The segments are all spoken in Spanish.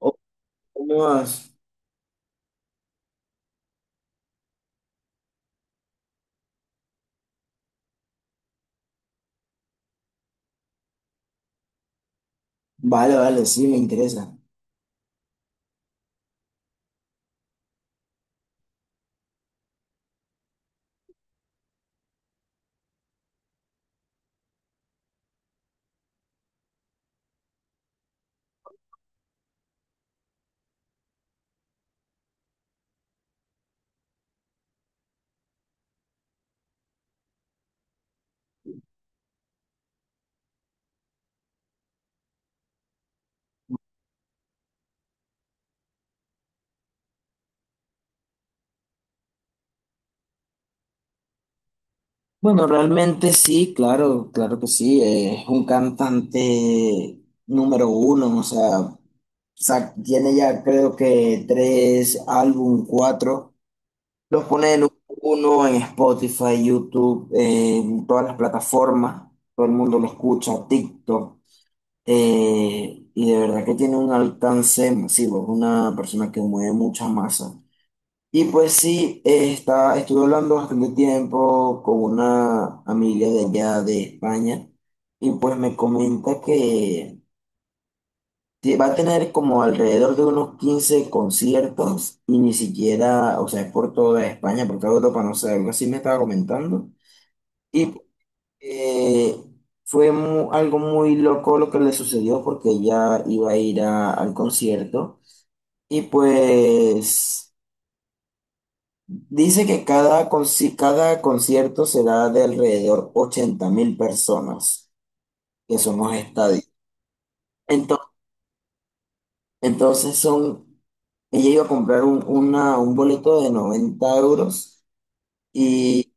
Oh, unos- vale, vale, sí, me interesa. Bueno, realmente sí, claro, claro que sí. Es un cantante número uno. O sea, tiene ya creo que tres álbum, cuatro. Los pone en uno en Spotify, YouTube, en todas las plataformas. Todo el mundo lo escucha, TikTok. Y de verdad que tiene un alcance masivo. Es una persona que mueve mucha masa. Y pues sí, estuve hablando bastante tiempo con una amiga de allá de España, y pues me comenta que va a tener como alrededor de unos 15 conciertos y ni siquiera. O sea, es por toda España, por toda Europa, no sé, algo así me estaba comentando. Y eh, fue algo muy loco lo que le sucedió, porque ella iba a ir al concierto y pues... Dice que cada concierto será de alrededor 80.000 personas, que son los estadios. entonces Entonces, son, Ella iba a comprar un boleto de 90 euros, y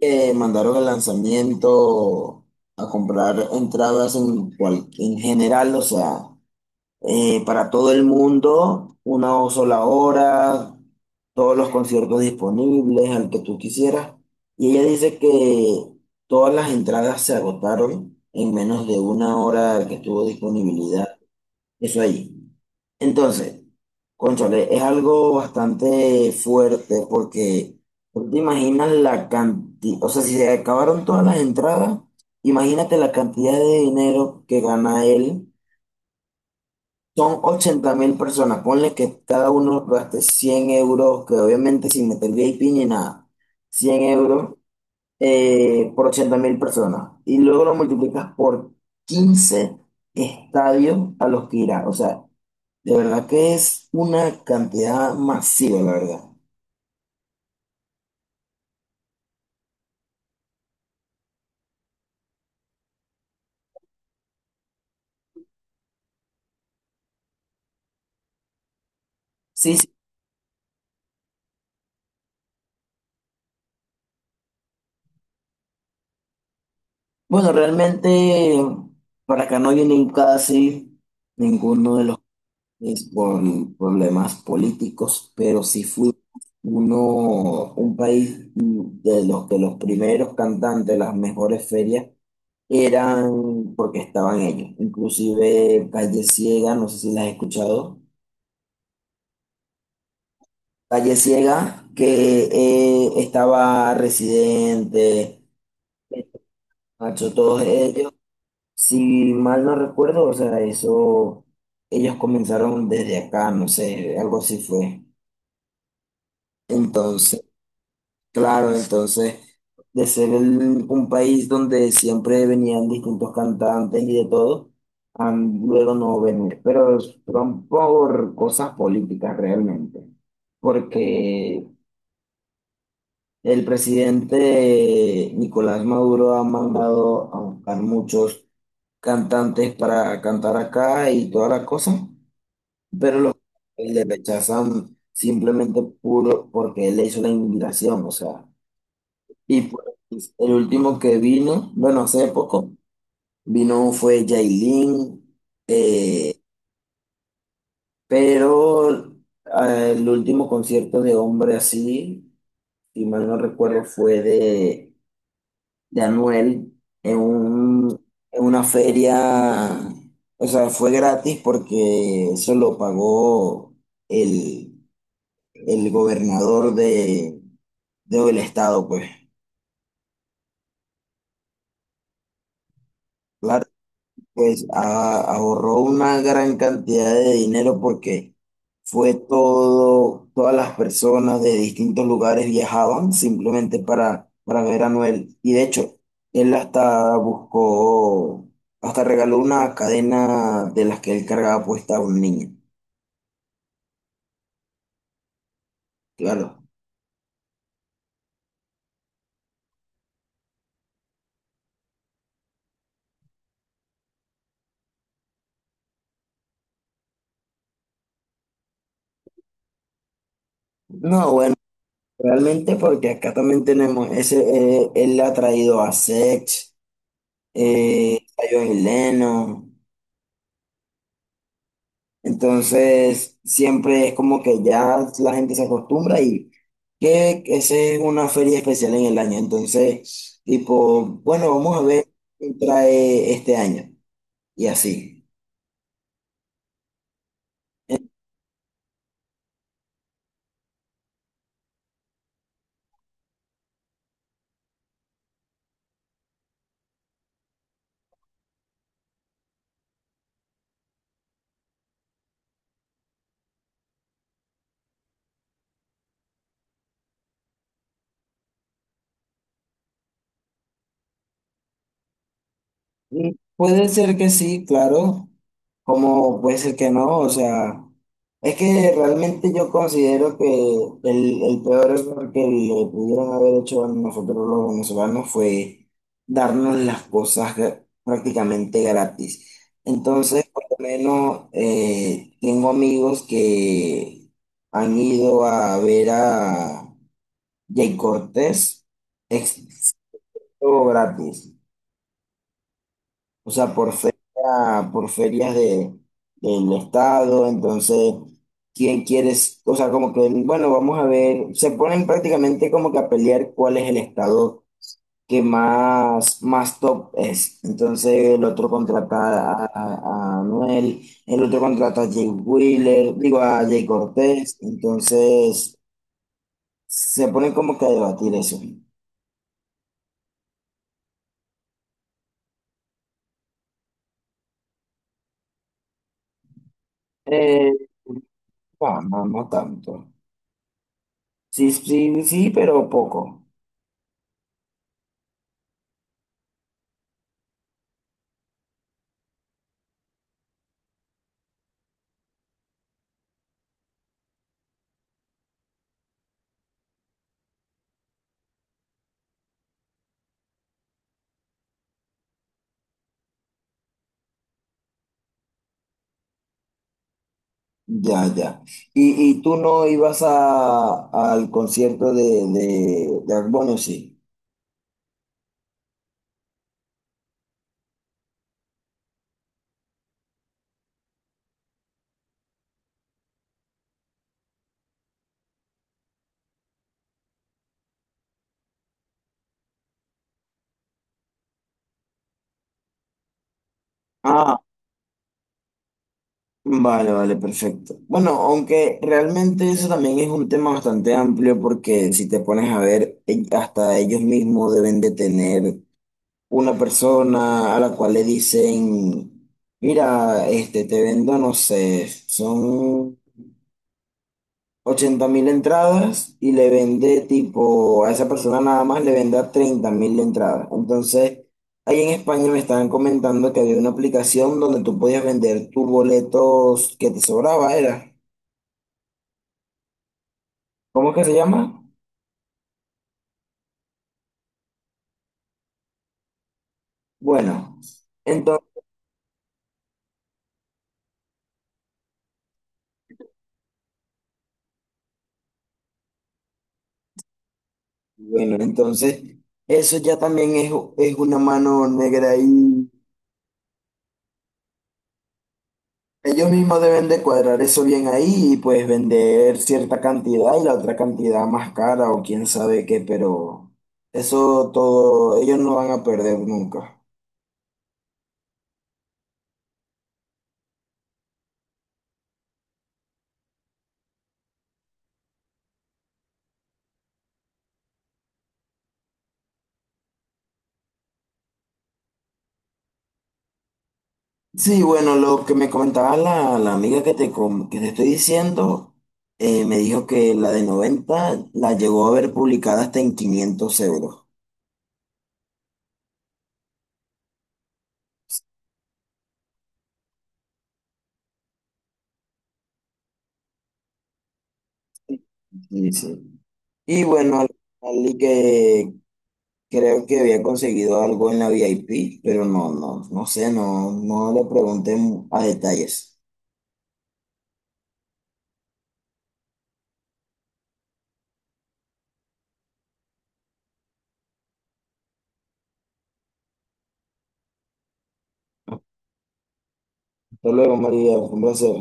mandaron el lanzamiento a comprar entradas en, en general. O sea, para todo el mundo, una o sola hora, todos los conciertos disponibles, al que tú quisieras. Y ella dice que todas las entradas se agotaron en menos de una hora que estuvo disponibilidad. Eso ahí. Entonces, cónchale, es algo bastante fuerte, porque tú te imaginas la cantidad. O sea, si se acabaron todas las entradas, imagínate la cantidad de dinero que gana él. Son 80.000 personas, ponle que cada uno gaste 100 euros, que obviamente sin meter VIP ni nada, 100 euros por 80.000 personas. Y luego lo multiplicas por 15 estadios a los que irá. O sea, de verdad que es una cantidad masiva, la verdad. Sí, sí. Bueno, realmente para acá no vienen casi ninguno de los, es por problemas políticos. Pero sí fui uno, un país de los que los primeros cantantes, las mejores ferias, eran porque estaban ellos. Inclusive Calle Ciega, no sé si la has escuchado. Calle Ciega, que estaba Residente, Nacho, todos ellos. Si mal no recuerdo, o sea, eso, ellos comenzaron desde acá, no sé, algo así fue. Entonces, claro, entonces, de ser un país donde siempre venían distintos cantantes y de todo, a luego no venir. Pero son por cosas políticas realmente. Porque el presidente Nicolás Maduro ha mandado a buscar muchos cantantes para cantar acá y toda la cosa, pero los le rechazan simplemente puro porque él le hizo la invitación, o sea. Y pues, pues, el último que vino, bueno, hace poco, vino fue Yailin, eh, pero el último concierto de hombre así, si mal no recuerdo, fue de Anuel en un, en una feria. O sea, fue gratis porque eso lo pagó el, el gobernador de, del estado, pues. Pues ahorró una gran cantidad de dinero, porque fue todo, todas las personas de distintos lugares viajaban simplemente para ver a Noel. Y de hecho, él hasta buscó, hasta regaló una cadena de las que él cargaba puesta a un niño. Claro. No, bueno, realmente porque acá también tenemos ese, él ha traído a Sex, a John Lennon. Entonces, siempre es como que ya la gente se acostumbra y que ese es una feria especial en el año. Entonces, tipo, bueno, vamos a ver qué trae este año. Y así. Mm, puede ser que sí, claro, como puede ser que no. O sea, es que realmente yo considero que el peor error que le pudieron haber hecho a nosotros los venezolanos fue darnos las cosas prácticamente gratis. Entonces, por lo menos tengo amigos que han ido a ver a Jay Cortés, ex, todo gratis. O sea, por feria, por ferias de, del estado, entonces, ¿quién quieres? O sea, como que, bueno, vamos a ver, se ponen prácticamente como que a pelear cuál es el estado que más, más top es. Entonces, el otro contrata a Anuel, el otro contrata a Jay Wheeler, digo, a Jay Cortés, entonces, se ponen como que a debatir eso. Eh, no, no, no tanto. Sí, sí, sí, pero poco. Ya, ya. Y tú no ibas a, al concierto de Bad, sí? Ah, vale, vale, perfecto. Bueno, aunque realmente eso también es un tema bastante amplio, porque si te pones a ver, hasta ellos mismos deben de tener una persona a la cual le dicen, mira, este, te vendo, no sé, son... 80.000 entradas, y le vende tipo a esa persona, nada más le vende a 30 mil entradas. Entonces, ahí en España me estaban comentando que había una aplicación donde tú podías vender tus boletos que te sobraba, era. ¿Cómo es que se llama? Bueno, entonces, bueno, entonces eso ya también es una mano negra ahí. Ellos mismos deben de cuadrar eso bien ahí, y pues vender cierta cantidad y la otra cantidad más cara o quién sabe qué, pero eso todo, ellos no van a perder nunca. Sí, bueno, lo que me comentaba la, la amiga que que te estoy diciendo, me dijo que la de 90 la llegó a ver publicada hasta en 500 euros. Sí, sí. Y bueno, y que, creo que había conseguido algo en la VIP, pero no, no, no sé, no, no le pregunté a detalles. Hasta luego, María, fue un placer.